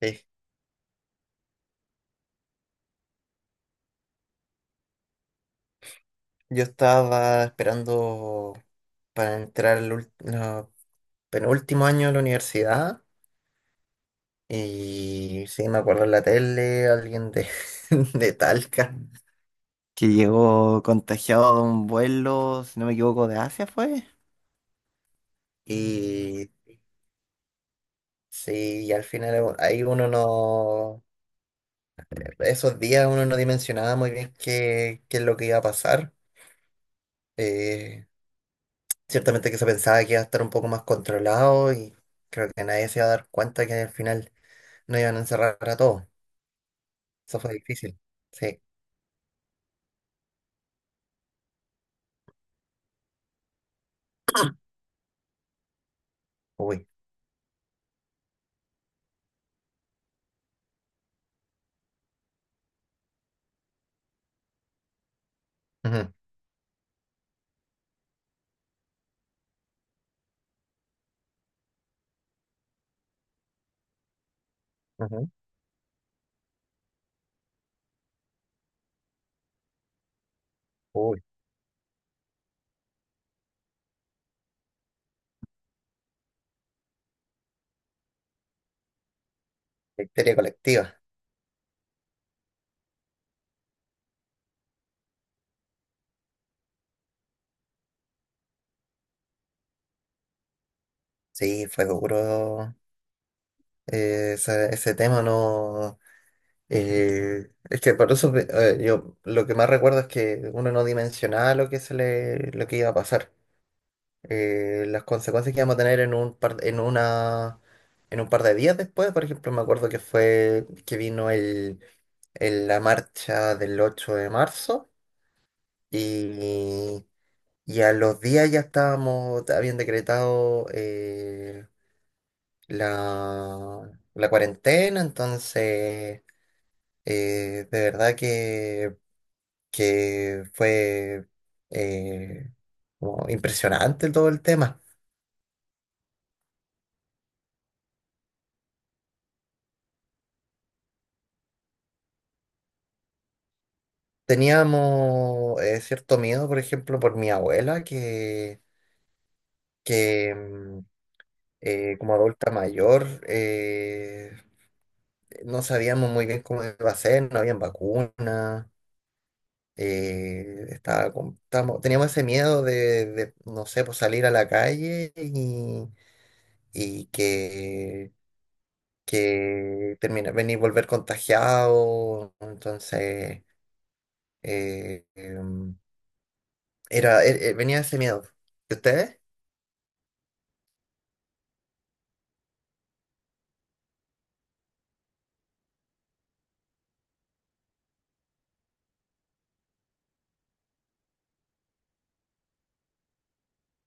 Sí, yo estaba esperando para entrar el ult- no, penúltimo año de la universidad y sí, me acuerdo en la tele de Talca que llegó contagiado de un vuelo, si no me equivoco, de Asia fue. Y sí, y al final ahí uno no, esos días uno no dimensionaba muy bien qué es lo que iba a pasar. Eh, Ciertamente que se pensaba que iba a estar un poco más controlado y creo que nadie se iba a dar cuenta que al final no iban a encerrar a todos. Eso fue difícil. Sí, uy. Ujú, ujú. Uy, la histeria colectiva. Sí, fue duro ese tema, no. Es que por eso yo lo que más recuerdo es que uno no dimensionaba lo lo que iba a pasar. Las consecuencias que vamos a tener en un en un par de días después. Por ejemplo, me acuerdo que fue que vino la marcha del 8 de marzo y, y a los días ya estábamos, habían decretado la cuarentena, entonces de verdad que fue eh, como impresionante todo el tema. Teníamos cierto miedo, por ejemplo, por mi abuela, que como adulta mayor, no sabíamos muy bien cómo iba a ser, no habían vacunas, teníamos ese miedo de no sé, pues salir a la calle, y que, que volver contagiado, entonces eh, em, venía ese miedo. ¿Y ustedes?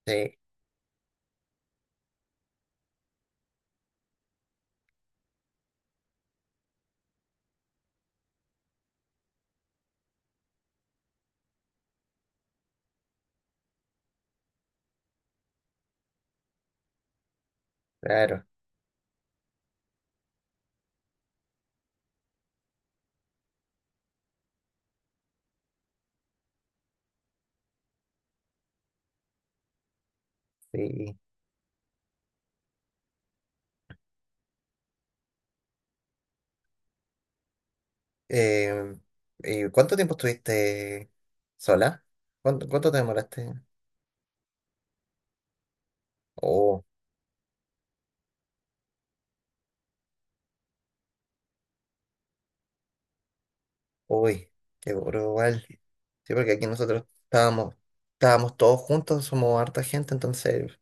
Sí. Claro, sí. Eh, ¿Y cuánto tiempo estuviste sola? ¿Cuánto te demoraste? Oh, uy, qué duro igual. Sí, porque aquí estábamos todos juntos, somos harta gente, entonces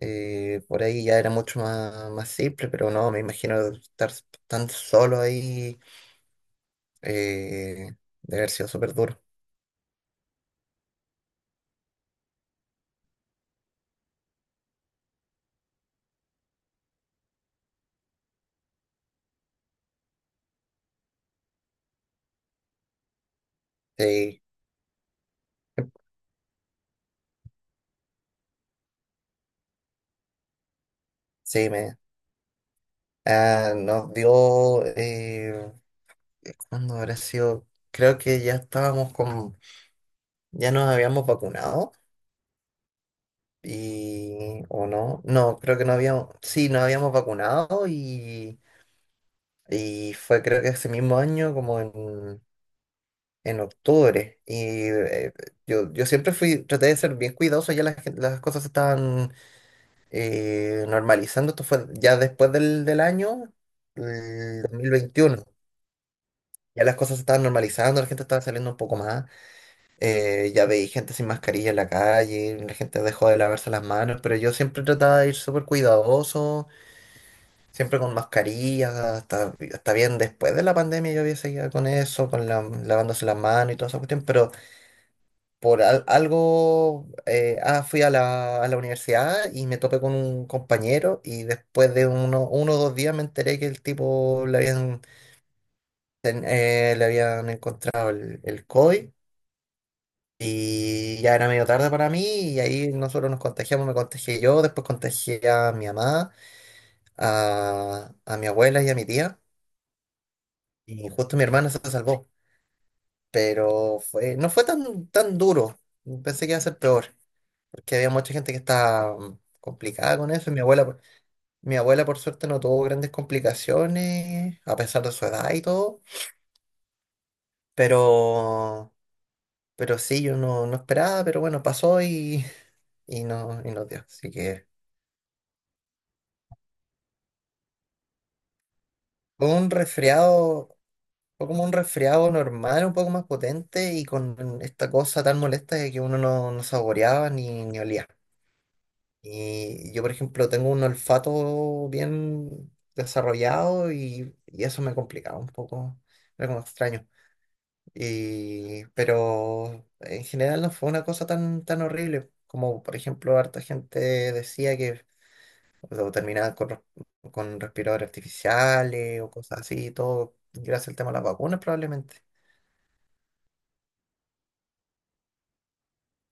por ahí ya era más simple, pero no, me imagino estar tan solo ahí eh, debe haber sido súper duro. Sí, sí, ah, nos dio ¿cuándo habrá sido? Creo que ya estábamos ya nos habíamos vacunado y, o no, creo que no habíamos, sí, nos habíamos vacunado y fue creo que ese mismo año como en octubre y yo siempre fui, traté de ser bien cuidadoso, ya las cosas se estaban normalizando, esto fue ya después del año, el 2021. Ya las cosas se estaban normalizando, la gente estaba saliendo un poco más. Ya veis gente sin mascarilla en la calle, la gente dejó de lavarse las manos, pero yo siempre trataba de ir súper cuidadoso, siempre con mascarilla, hasta bien después de la pandemia yo había seguido con eso, con la- lavándose las manos y toda esa cuestión, pero por algo fui a a la universidad y me topé con un compañero y después de uno o dos días me enteré que el tipo le habían encontrado el COVID. Y ya era medio tarde para mí y ahí nosotros nos contagiamos, me contagié yo, después contagié a mi mamá, a mi abuela y a mi tía. Y justo mi hermana se salvó. Pero no fue tan duro. Pensé que iba a ser peor, porque había mucha gente que estaba complicada con eso. Y mi mi abuela por suerte no tuvo grandes complicaciones, a pesar de su edad y todo. Pero, pero sí, yo no esperaba, pero bueno, pasó y no dio. Así que... Fue un resfriado, fue como un resfriado normal, un poco más potente y con esta cosa tan molesta de que uno no, no saboreaba ni olía. Y yo, por ejemplo, tengo un olfato bien desarrollado y eso me complicaba un poco, era como extraño. Y, pero en general no fue una cosa tan horrible como, por ejemplo, harta gente decía que o sea, terminaban con respiradores artificiales o cosas así, todo gracias al tema de las vacunas probablemente.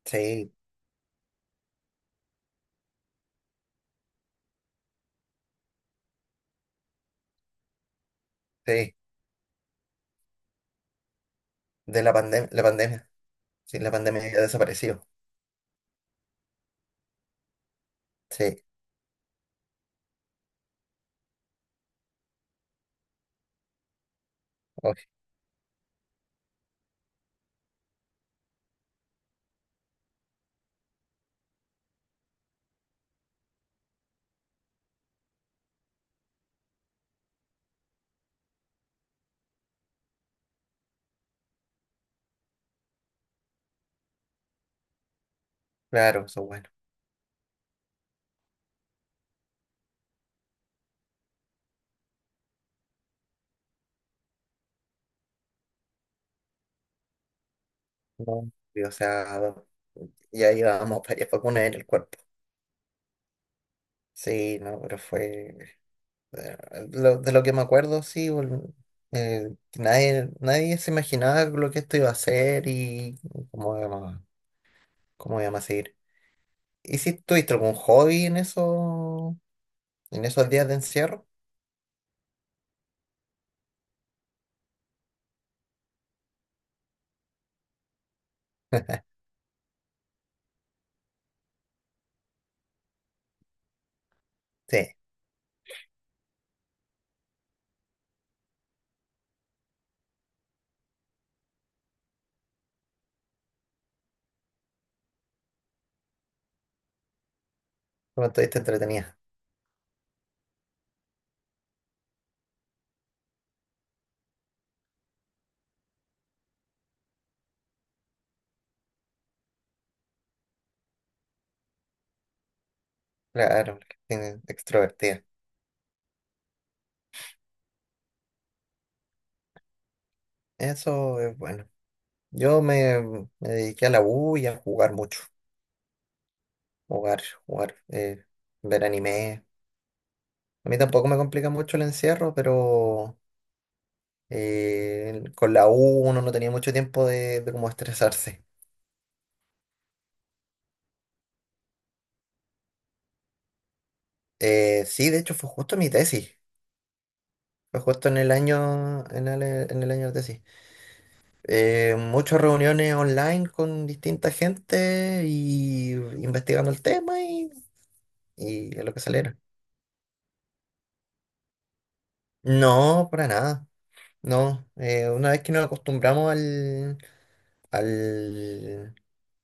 Sí, sí, de la pandemia, la pandemia. Sí, la pandemia ya desapareció. Sí, uy, claro, eso bueno. No. Y o sea, ya llevábamos varias vacunas en el cuerpo. Sí, no, pero fue... eh, de lo que me acuerdo, sí, que nadie, nadie se imaginaba lo que esto iba a ser y cómo íbamos, cómo íbamos a seguir. ¿Y si tuviste algún hobby en eso, en esos días de encierro? Sí, como estuviste entretenida. Claro, porque tiene- extrovertida. Eso es bueno. Yo me, me dediqué a la U y a jugar mucho. Jugar, ver anime. A mí tampoco me complica mucho el encierro, pero con la U uno no tenía mucho tiempo de como estresarse. Sí, de hecho fue justo mi tesis. Fue justo en el año, en en el año de tesis. Muchas reuniones online con distinta gente y investigando el tema y a lo que saliera. No, para nada. No, una vez que nos acostumbramos al,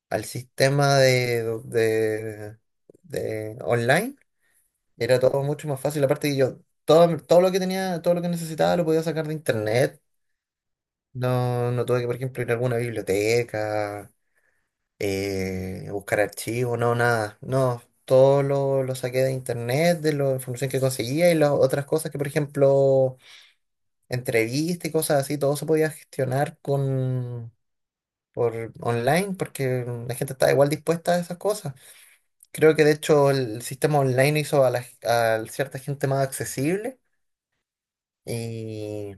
al sistema de online, era todo mucho más fácil. Aparte que yo, todo, todo lo que tenía, todo lo que necesitaba lo podía sacar de internet. No, no tuve que, por ejemplo, ir a alguna biblioteca buscar archivos, no, nada. No, todo lo saqué de internet, de la información que conseguía y las otras cosas que, por ejemplo, entrevistas y cosas así, todo se podía gestionar con, por online porque la gente estaba igual dispuesta a esas cosas. Creo que de hecho el sistema online hizo a, a cierta gente más accesible y,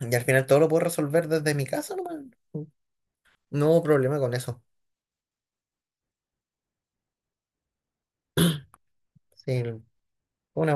y al final todo lo puedo resolver desde mi casa, nomás. No hubo problema con eso. Sí, fue una